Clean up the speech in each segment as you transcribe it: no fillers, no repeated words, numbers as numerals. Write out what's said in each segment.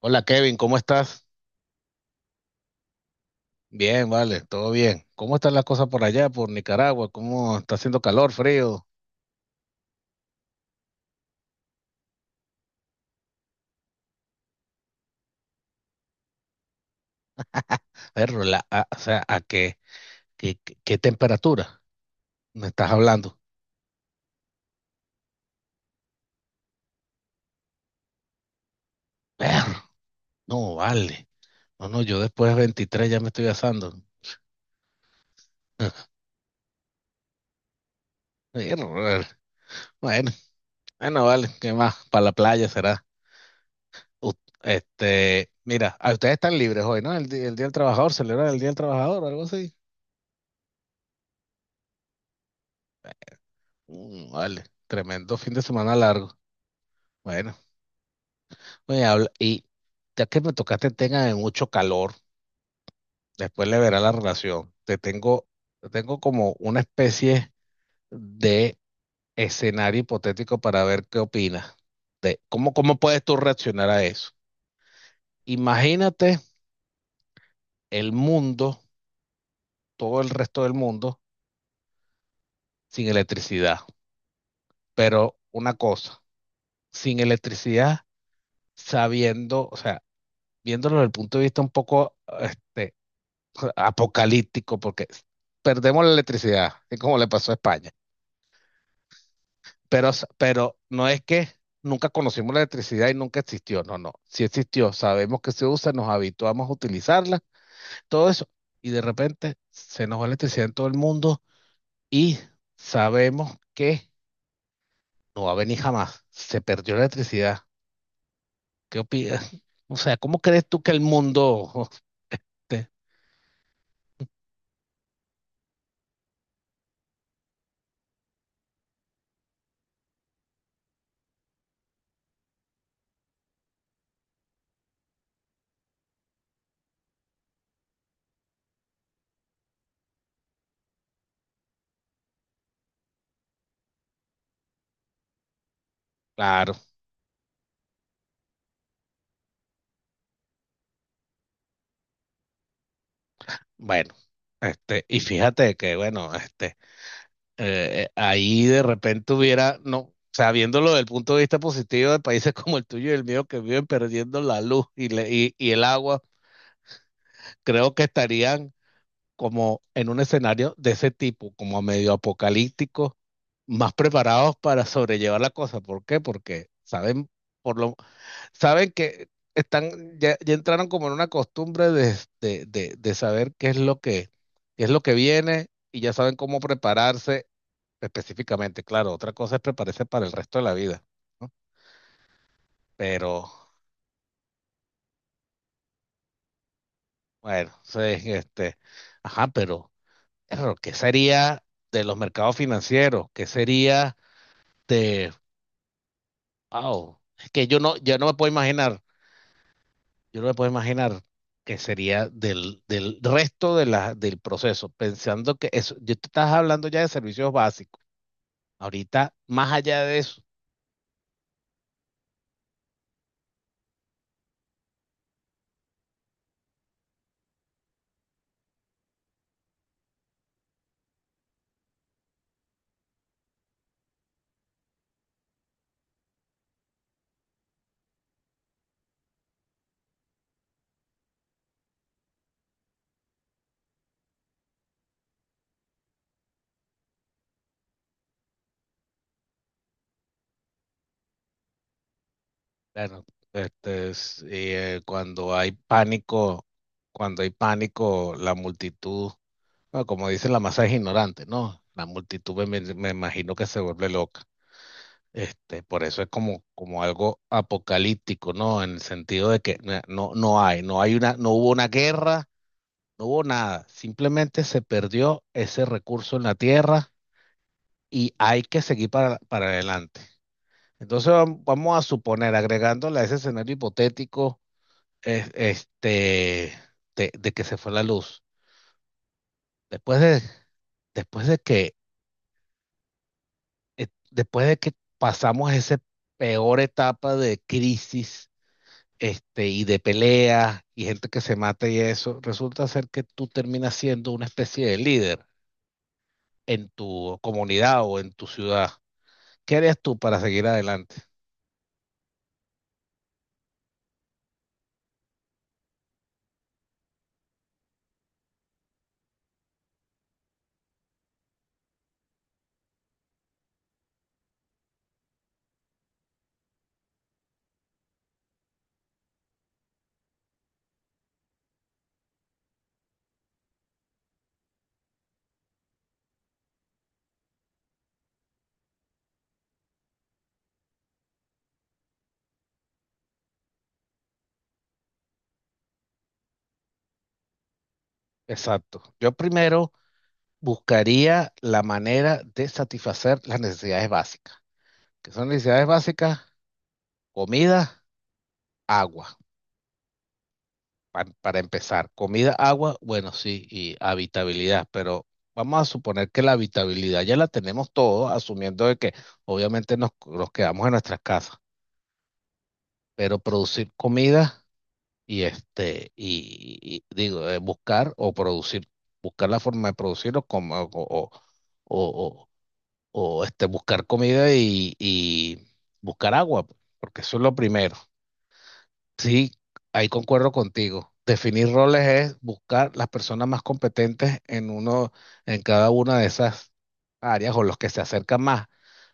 Hola Kevin, ¿cómo estás? Bien, vale, todo bien. ¿Cómo están las cosas por allá, por Nicaragua? ¿Cómo está haciendo calor, frío? Perro, o sea, ¿a qué, qué temperatura me estás hablando? Perro, no, vale. No, no, yo después de 23 ya me estoy asando. Perro, vale. Bueno, bueno, vale, ¿qué más? Para la playa será. U- este, mira, a ustedes están libres hoy, ¿no? El Día del Trabajador, celebran el Día del Trabajador o algo así. Mm, vale, tremendo fin de semana largo. Bueno. Oye, y ya que me tocaste el tema de mucho calor, después le verá la relación. Te tengo como una especie de escenario hipotético para ver qué opinas de cómo puedes tú reaccionar a eso. Imagínate el mundo, todo el resto del mundo, sin electricidad. Pero una cosa, sin electricidad, sabiendo, o sea, viéndolo desde el punto de vista un poco apocalíptico porque perdemos la electricidad, es como le pasó a España. Pero no es que nunca conocimos la electricidad y nunca existió, no, no, sí existió, sabemos que se usa, nos habituamos a utilizarla, todo eso, y de repente se nos va la electricidad en todo el mundo y sabemos que no va a venir jamás, se perdió la electricidad. ¿Qué opinas? O sea, ¿cómo crees tú que el mundo... este, claro, bueno, y fíjate que, bueno, ahí de repente hubiera, no, o sea, viéndolo desde el punto de vista positivo de países como el tuyo y el mío que viven perdiendo la luz y, y el agua, creo que estarían como en un escenario de ese tipo, como medio apocalíptico, más preparados para sobrellevar la cosa. ¿Por qué? Porque saben, por lo, saben que están, ya, ya entraron como en una costumbre de saber qué es lo que, qué es lo que viene y ya saben cómo prepararse específicamente. Claro, otra cosa es prepararse para el resto de la vida, ¿no? Pero, bueno, sí, este, ajá, pero ¿qué sería de los mercados financieros? ¿Qué sería de, wow, es que yo no, ya no me puedo imaginar. Yo no me puedo imaginar que sería del resto de la, del proceso, pensando que eso, yo te estás hablando ya de servicios básicos. Ahorita, más allá de eso, bueno, este, es, cuando hay pánico, la multitud, bueno, como dice la masa es ignorante, ¿no? La multitud me imagino que se vuelve loca. Este, por eso es como, como algo apocalíptico, ¿no? En el sentido de que no hay una, no hubo una guerra. No hubo nada, simplemente se perdió ese recurso en la tierra y hay que seguir para adelante. Entonces vamos a suponer, agregándole a ese escenario hipotético, este, de que se fue la luz. Después de, después de que, después de que pasamos esa peor etapa de crisis, este, y de pelea y gente que se mata y eso, resulta ser que tú terminas siendo una especie de líder en tu comunidad o en tu ciudad, ¿qué harías tú para seguir adelante? Exacto. Yo primero buscaría la manera de satisfacer las necesidades básicas, qué son necesidades básicas, comida, agua, para empezar. Comida, agua, bueno, sí, y habitabilidad, pero vamos a suponer que la habitabilidad ya la tenemos todos, asumiendo de que obviamente nos quedamos en nuestras casas, pero producir comida y este, y digo, buscar o producir, buscar la forma de producirlo como, o- o, o, este, buscar comida y buscar agua, pues, porque eso es lo primero. Sí, ahí concuerdo contigo. Definir roles es buscar las personas más competentes en uno, en cada una de esas áreas o los que se acercan más,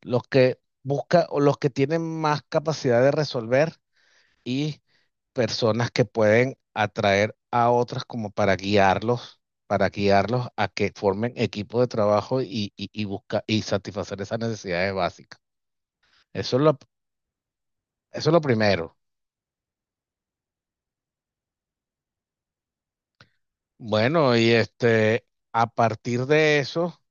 los que busca o los que tienen más capacidad de resolver y personas que pueden atraer a otras como para guiarlos a que formen equipo de trabajo y satisfacer esas necesidades básicas. Eso es lo, eso es lo primero. Bueno, y este, a partir de eso,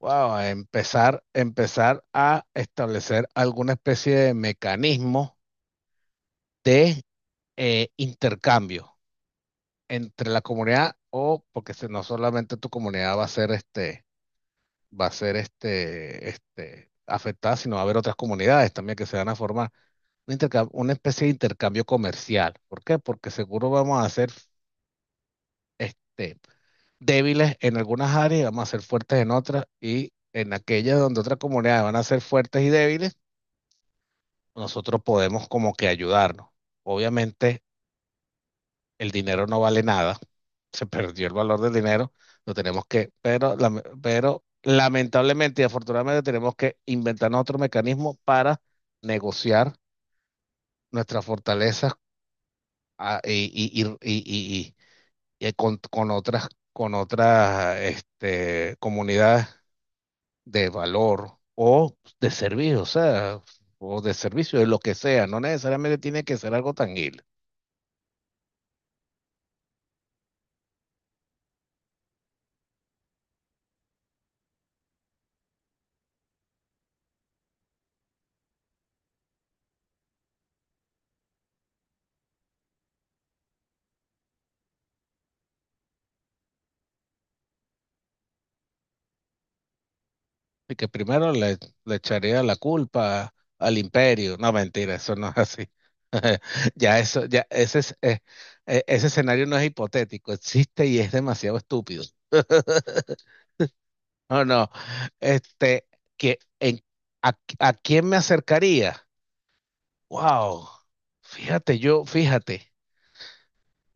wow, empezar a establecer alguna especie de mecanismo de intercambio entre la comunidad o porque si no solamente tu comunidad va a ser este va a ser este, afectada, sino va a haber otras comunidades también que se van a formar. Una especie de intercambio comercial. ¿Por qué? Porque seguro vamos a ser este, débiles en algunas áreas y vamos a ser fuertes en otras. Y en aquellas donde otras comunidades van a ser fuertes y débiles, nosotros podemos como que ayudarnos. Obviamente el dinero no vale nada, se perdió el valor del dinero, lo tenemos que, pero, pero lamentablemente y afortunadamente tenemos que inventarnos otro mecanismo para negociar nuestras fortalezas ah, y con otras este, comunidades de valor o de servicio, o sea, o de servicio, de lo que sea, no necesariamente tiene que ser algo tangible. Y que primero le echaría la culpa al imperio. No, mentira, eso no es así. Ya eso, ese escenario no es hipotético, existe y es demasiado estúpido. No, no. Este, que en, ¿a quién me acercaría? Wow. Fíjate, yo, fíjate,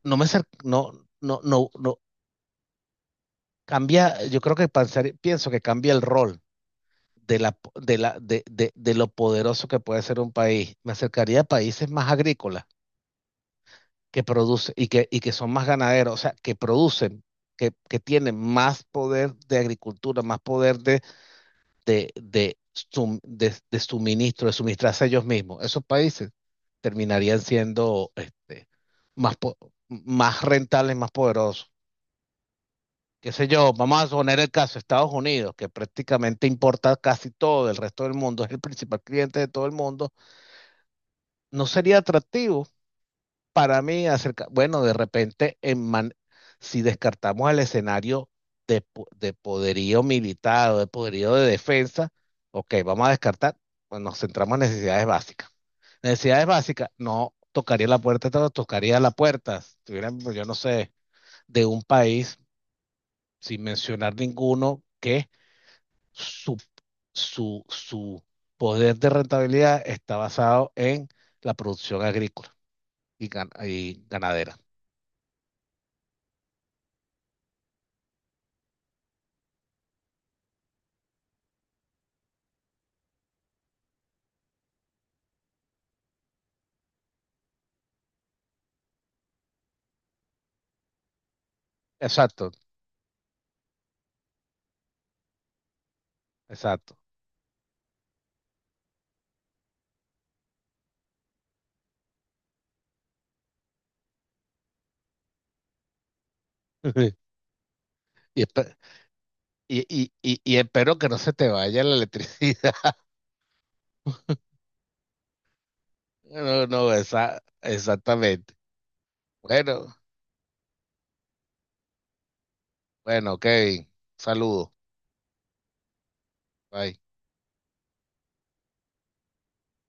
no, no, no, no, cambia, yo creo que pienso que cambia el rol. De, la, de, la, de lo poderoso que puede ser un país. Me acercaría a países más agrícolas que producen y que son más ganaderos, o sea, que producen, que tienen más poder de agricultura, más poder de suministro, de suministrarse ellos mismos. Esos países terminarían siendo este, más, po- más rentables, más poderosos. Qué sé yo, vamos a poner el caso de Estados Unidos, que prácticamente importa casi todo del resto del mundo. Es el principal cliente de todo el mundo, no sería atractivo para mí acerca, bueno, de repente, en man, si descartamos el escenario de, de poderío militar o de poderío de defensa, ok, vamos a descartar, pues nos centramos en necesidades básicas. Necesidades básicas, no tocaría la puerta, no tocaría la puerta, si tuvieran, pues, yo no sé, de un país, sin mencionar ninguno, que su, su poder de rentabilidad está basado en la producción agrícola y ganadera. Exacto, exacto. Y, espe- y, y espero que no se te vaya la electricidad. No, no, esa, exactamente. Bueno, bueno, Kevin, saludos. Bye.